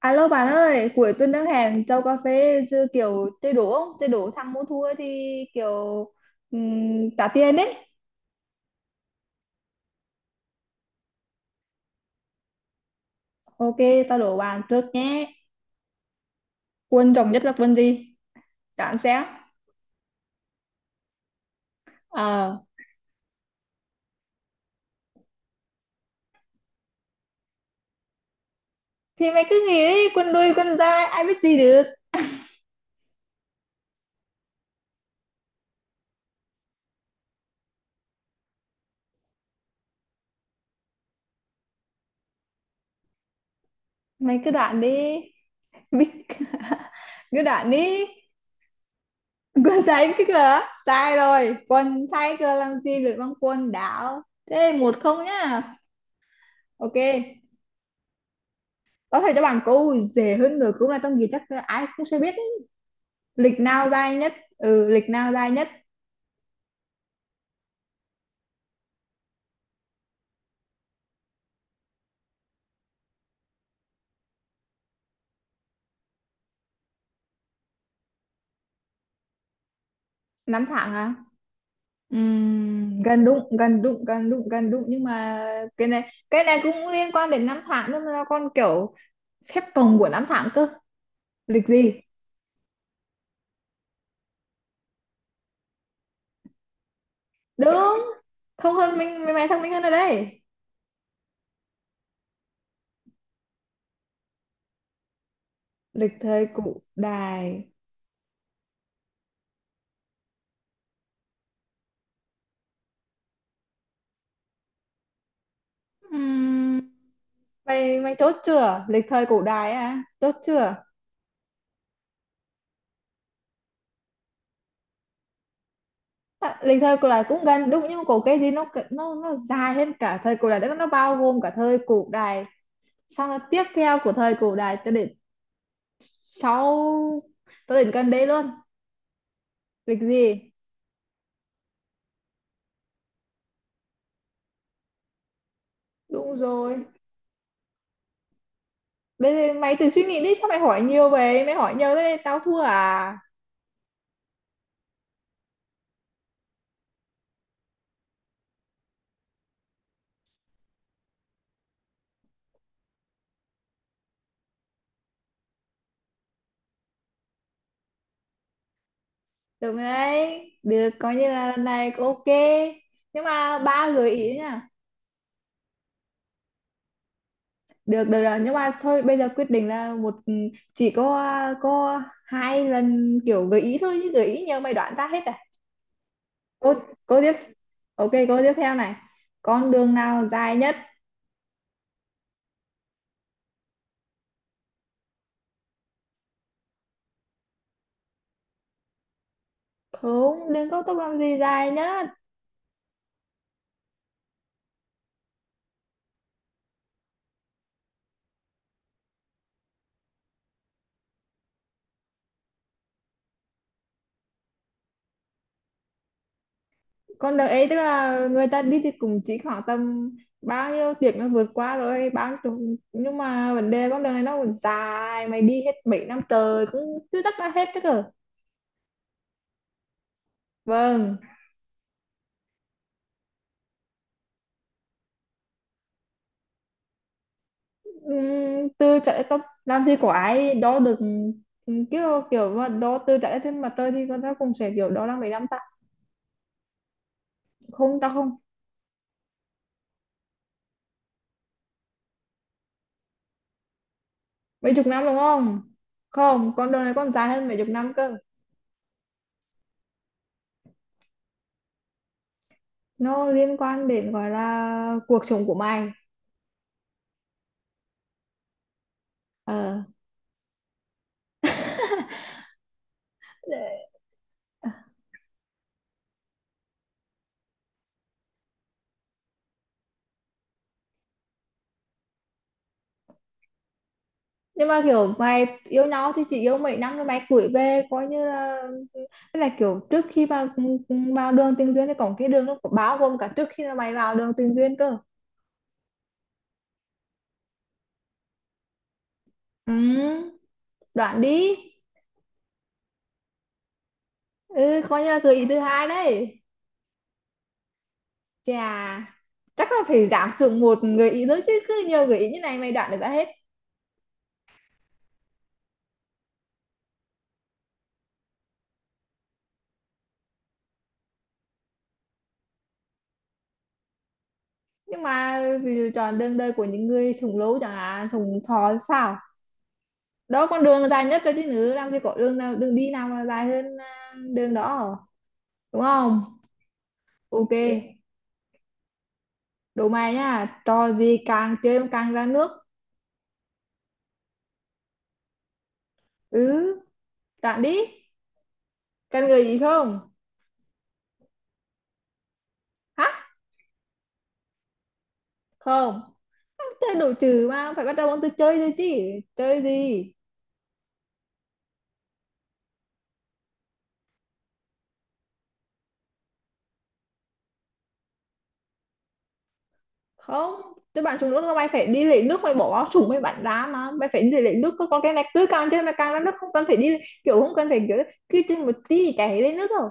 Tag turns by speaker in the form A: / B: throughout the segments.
A: Alo bạn ơi, cuối tuần đang hẹn châu cà phê chứ kiểu chơi đố không? Chơi đố thắng mua thua thì kiểu trả tiền đấy. Ok, tao đố bạn trước nhé. Quân rồng nhất là quân gì? Đoán xem. Ờ, thì mày cứ nghĩ đi, quân đuôi, quân dài, ai biết gì được. Mày cứ đoán đi. Biết cứ đoán đi. Quân sai cái cửa. Sai rồi. Quân sai cửa làm gì được bằng quân đảo. Thế một không nhá. Ok. Có thể cho bạn câu dễ hơn nữa cũng là trong gì chắc ai cũng sẽ biết ấy. Lịch nào dài nhất? Ừ, lịch nào dài nhất? Năm tháng à? Gần đúng, gần đúng, gần đúng, gần đúng, nhưng mà cái này cũng liên quan đến năm tháng, nhưng mà con kiểu phép cộng của năm tháng cơ. Lịch gì? Đúng, thông hơn mình, mày mày thông minh hơn ở đây. Lịch thời cổ đại? Ừm, mày mày chốt chưa? Lịch thời cổ đại à, chốt chưa? À, lịch thời cổ đại cũng gần đúng, nhưng mà có cái gì nó dài hơn cả thời cổ đại, tức là nó bao gồm cả thời cổ đại, xong là tiếp theo của thời cổ đại cho đến sau, cho đến gần đây luôn. Lịch gì? Đúng rồi, đây mày tự suy nghĩ đi, sao mày hỏi nhiều vậy, mày hỏi nhiều thế tao thua à? Được rồi đấy, được coi như là lần này cũng ok, nhưng mà ba gợi ý nha. Được, được rồi, nhưng mà thôi bây giờ quyết định là một, chỉ có có hai lần kiểu gợi ý thôi, chứ gợi ý nhiều mày đoán ra hết à. cô cô tiếp. Ok, cô tiếp theo này. Con đường nào dài nhất? Không, đường cao tốc làm gì dài nhất. Con đường ấy tức là người ta đi thì cũng chỉ khoảng tầm bao nhiêu tiếng nó vượt qua rồi nhưng mà vấn đề con đường này nó còn dài, mày đi hết mấy năm trời cũng chưa chắc đã hết chứ cơ. Vâng. Từ chạy tóc làm gì có ai đó được, kiểu kiểu đó tư chạy trên mặt trời thì con ta cũng sẽ kiểu đó là mấy năm ta, không ta không. Mấy chục năm đúng không? Không, con đường này còn dài hơn mấy chục năm cơ. Nó liên quan đến gọi là cuộc sống của mày. Ờ, nhưng mà kiểu mày yêu nhau thì chỉ yêu mấy năm rồi mày cưới về coi như là, tức là kiểu trước khi mà vào đường tình duyên thì còn cái đường nó có bao gồm cả trước khi mà mày vào đường tình duyên cơ. Ừ, đoạn đi. Ừ, coi như là gợi ý thứ hai đấy. Chà, chắc là phải giảm xuống một gợi ý nữa, chứ cứ nhiều gợi ý như này mày đoạn được ra hết. Nhưng mà ví dụ chọn đường đời của những người sống lâu chẳng hạn, sống thọ sao, đó con đường dài nhất rồi chứ, nữa làm gì có đường nào, đường đi nào mà dài hơn đường đó, đúng không? Ok. Ok. Đố mày nha, trò gì càng chơi mà càng ra nước. Ừ, đoạn đi. Cần gợi ý không? Hả? Không, chơi đồ trừ mà phải bắt đầu bằng từ chơi thôi chứ. Chơi gì? Không, tức bạn xuống nước là mày phải đi lấy nước, mày bỏ vào súng mày bắn ra, mà mày phải đi lấy nước cơ. Còn cái này cứ càng chơi mà càng ra nước, không cần phải đi, kiểu không cần phải kiểu cứ chơi một tí chảy lên nước rồi.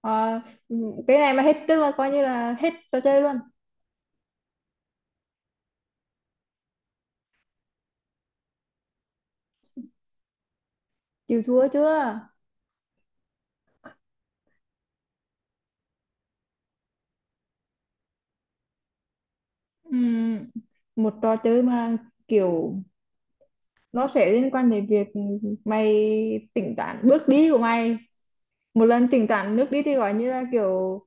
A: Ờ, cái này mà hết tức là coi như là hết trò chơi luôn. Chịu thua chưa? Ừm, một trò chơi mà kiểu nó sẽ liên quan đến việc mày tính toán bước đi của mày, một lần tính toán nước đi thì gọi như là kiểu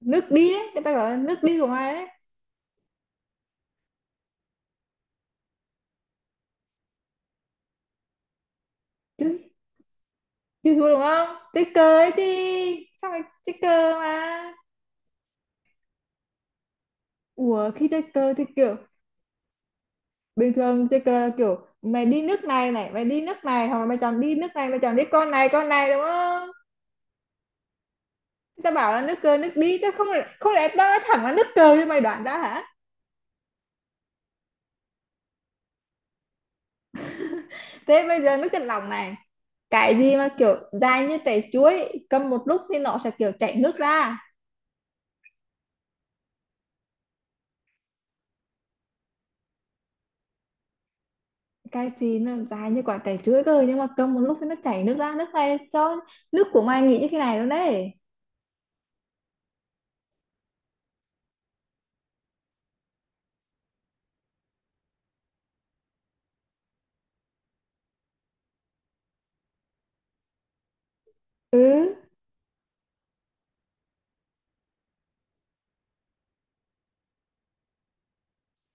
A: nước đi đấy người ta gọi là nước đi của mày đấy chứ. Hiểu hiểu đúng không? Ticker ấy chị. Xong rồi ticker mà. Ủa khi ticker thì kiểu bình thường ticker là kiểu mày đi nước này này, mày đi nước này hoặc là mày chọn đi nước này, mày chọn đi con này đúng không? Tao bảo là nước cờ nước đi, tao không, không lẽ tao nói thẳng là nước cờ cho mày đoán ra hả? Thế bây giờ nước chân lòng này, cái gì mà kiểu dài như trái chuối, cầm một lúc thì nó sẽ kiểu chảy nước ra. Cái gì nó dài như quả trái chuối cơ, nhưng mà cầm một lúc thì nó chảy nước ra, nước này cho nước của mày nghĩ như thế này luôn đấy. Ừ.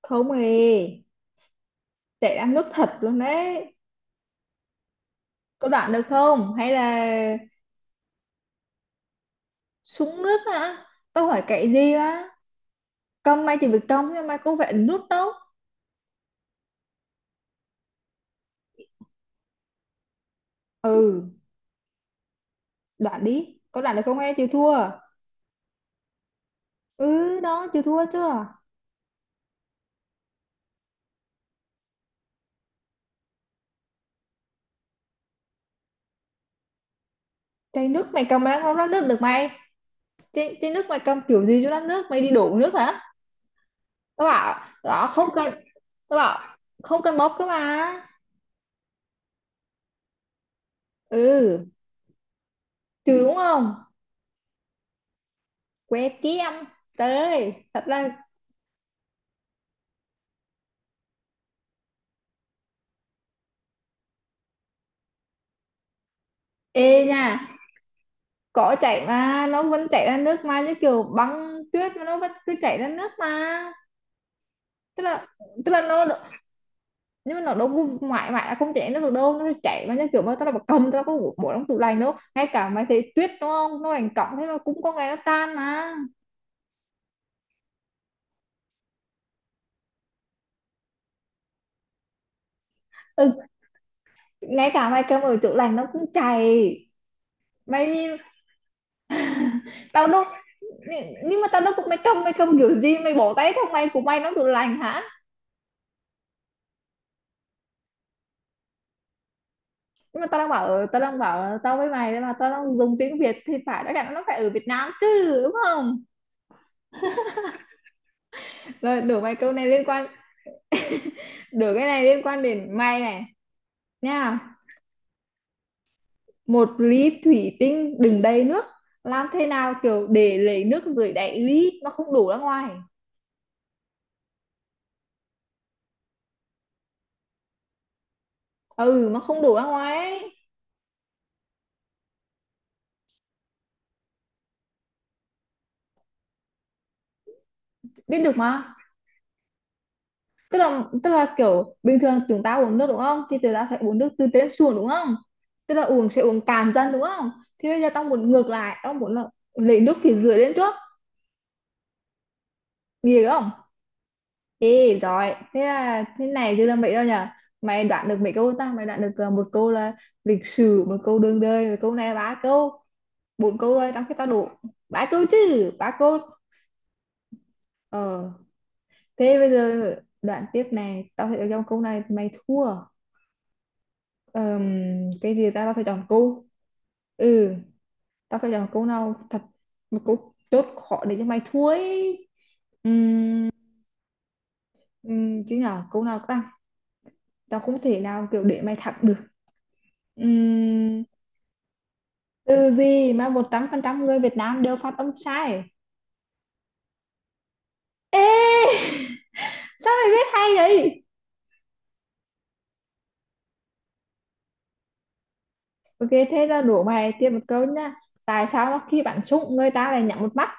A: Không hề, chạy đang nước thật luôn đấy. Có đoạn được không hay là súng nước hả? Tao hỏi cậy gì á, câm may thì việc trong nhưng mà có vẻ nước đâu. Ừ, đoạn đi, có đoạn được không, em chịu thua. Ừ đó, chịu thua chưa? Chai nước mày cầm mà đang không ra nước được mày, chai, chai nước mày cầm kiểu gì cho ra nước, mày đi đổ nước hả? Tao bảo đó không cần. Tao bảo không cần bóp cơ mà. Ừ. Trừ đúng không? Que kiếm, tới thật ra. Ê nha, cỏ chảy mà nó vẫn chảy ra nước mà, như kiểu băng tuyết mà nó vẫn cứ chảy ra nước mà. Tức là tức là nhưng mà nó đâu có mãi mãi là không chảy ra nước được đâu, nó chảy mà, như kiểu mà tao là một cầm tao có bộ trong tủ lạnh đâu, ngay cả mày thấy tuyết đúng không, nó lạnh cộng thế mà cũng có ngày nó tan mà. ừ, ngay cả mày cầm ở tủ lạnh nó cũng chảy, mày đi. Tao đâu, nhưng mà tao đâu cũng mày cầm, mày cầm kiểu gì mày bỏ tay trong mày của mày nó tủ lạnh hả. Nhưng mà tao đang bảo, tao đang bảo tao với mày đấy, mà tao đang dùng tiếng Việt thì phải đã cả nó phải ở Việt Nam chứ đúng không. Rồi, đổi mày, câu này liên quan, đổi cái này liên quan đến mày này nha. Một ly thủy tinh đựng đầy nước, làm thế nào kiểu để lấy nước dưới đáy ly nó không đổ ra ngoài. Ừ, nó không đổ ra ngoài ấy. Biết được mà, tức là kiểu bình thường chúng ta uống nước đúng không, thì chúng ta sẽ uống nước từ trên xuống đúng không, tức là uống sẽ uống cạn dần đúng không. Thì bây giờ tao muốn ngược lại, tao muốn là lấy nước phía dưới lên trước. Ghê không? Ê, giỏi. Thế là thế này chứ làm mấy đâu nhở? Mày đoán được mấy câu ta? Mày đoán được một câu là lịch sử, một câu đường đời, một câu này là ba câu, bốn câu rồi, trong khi tao đủ ba câu chứ, ba câu. Ờ, thế bây giờ đoạn tiếp này, tao phải chọn câu này mày thua. Ờm, cái gì ta, tao phải chọn câu. Ừ, tao phải chọn câu nào thật một câu chốt khó để cho mày thua ấy. Ừm, chứ nhở, câu nào ta? Tao không thể nào kiểu để mày thắng được. Ừm, từ gì mà 100% người Việt Nam đều phát âm sai. Ê, sao mày biết hay vậy. Ok, thế ra đổ bài, tiếp một câu nha. Tại sao mà khi bạn trúng người ta lại nhắm một mắt?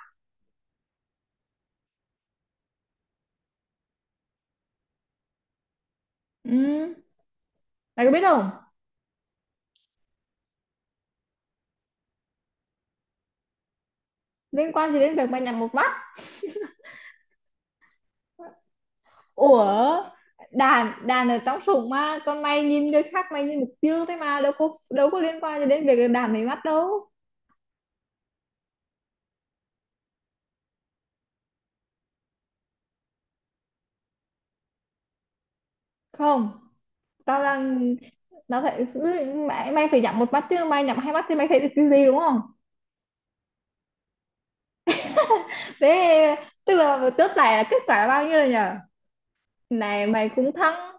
A: Ừ. Mày có biết không? Liên quan gì đến việc mày nhắm một mắt? Ủa, đàn đàn ở trong sủng mà còn mày nhìn người khác, mày nhìn mục tiêu thế mà đâu có, đâu có liên quan gì đến việc đàn mày mắt đâu. Không, tao đang, nó phải, mày mày phải nhắm một mắt chứ, mày nhắm hai mắt thì mày thấy được cái gì đúng không. Thế tức là chốt lại là kết quả là bao nhiêu rồi nhở? Này mày cũng thắng.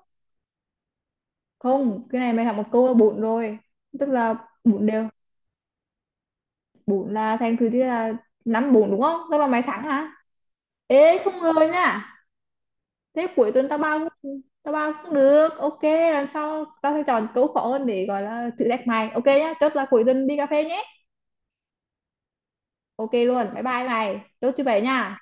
A: Không, cái này mày học một câu là bốn rồi, tức là bốn đều, bốn là thành thứ thì là năm bốn đúng không, tức là mày thắng hả. Ê không ngờ nha. Thế cuối tuần tao bao cũng được ok. Lần sau tao sẽ chọn câu khó hơn để gọi là thử thách mày, ok nhá, chốt là cuối tuần đi cà phê nhé. Ok luôn, bye bye mày, chốt như vậy nha.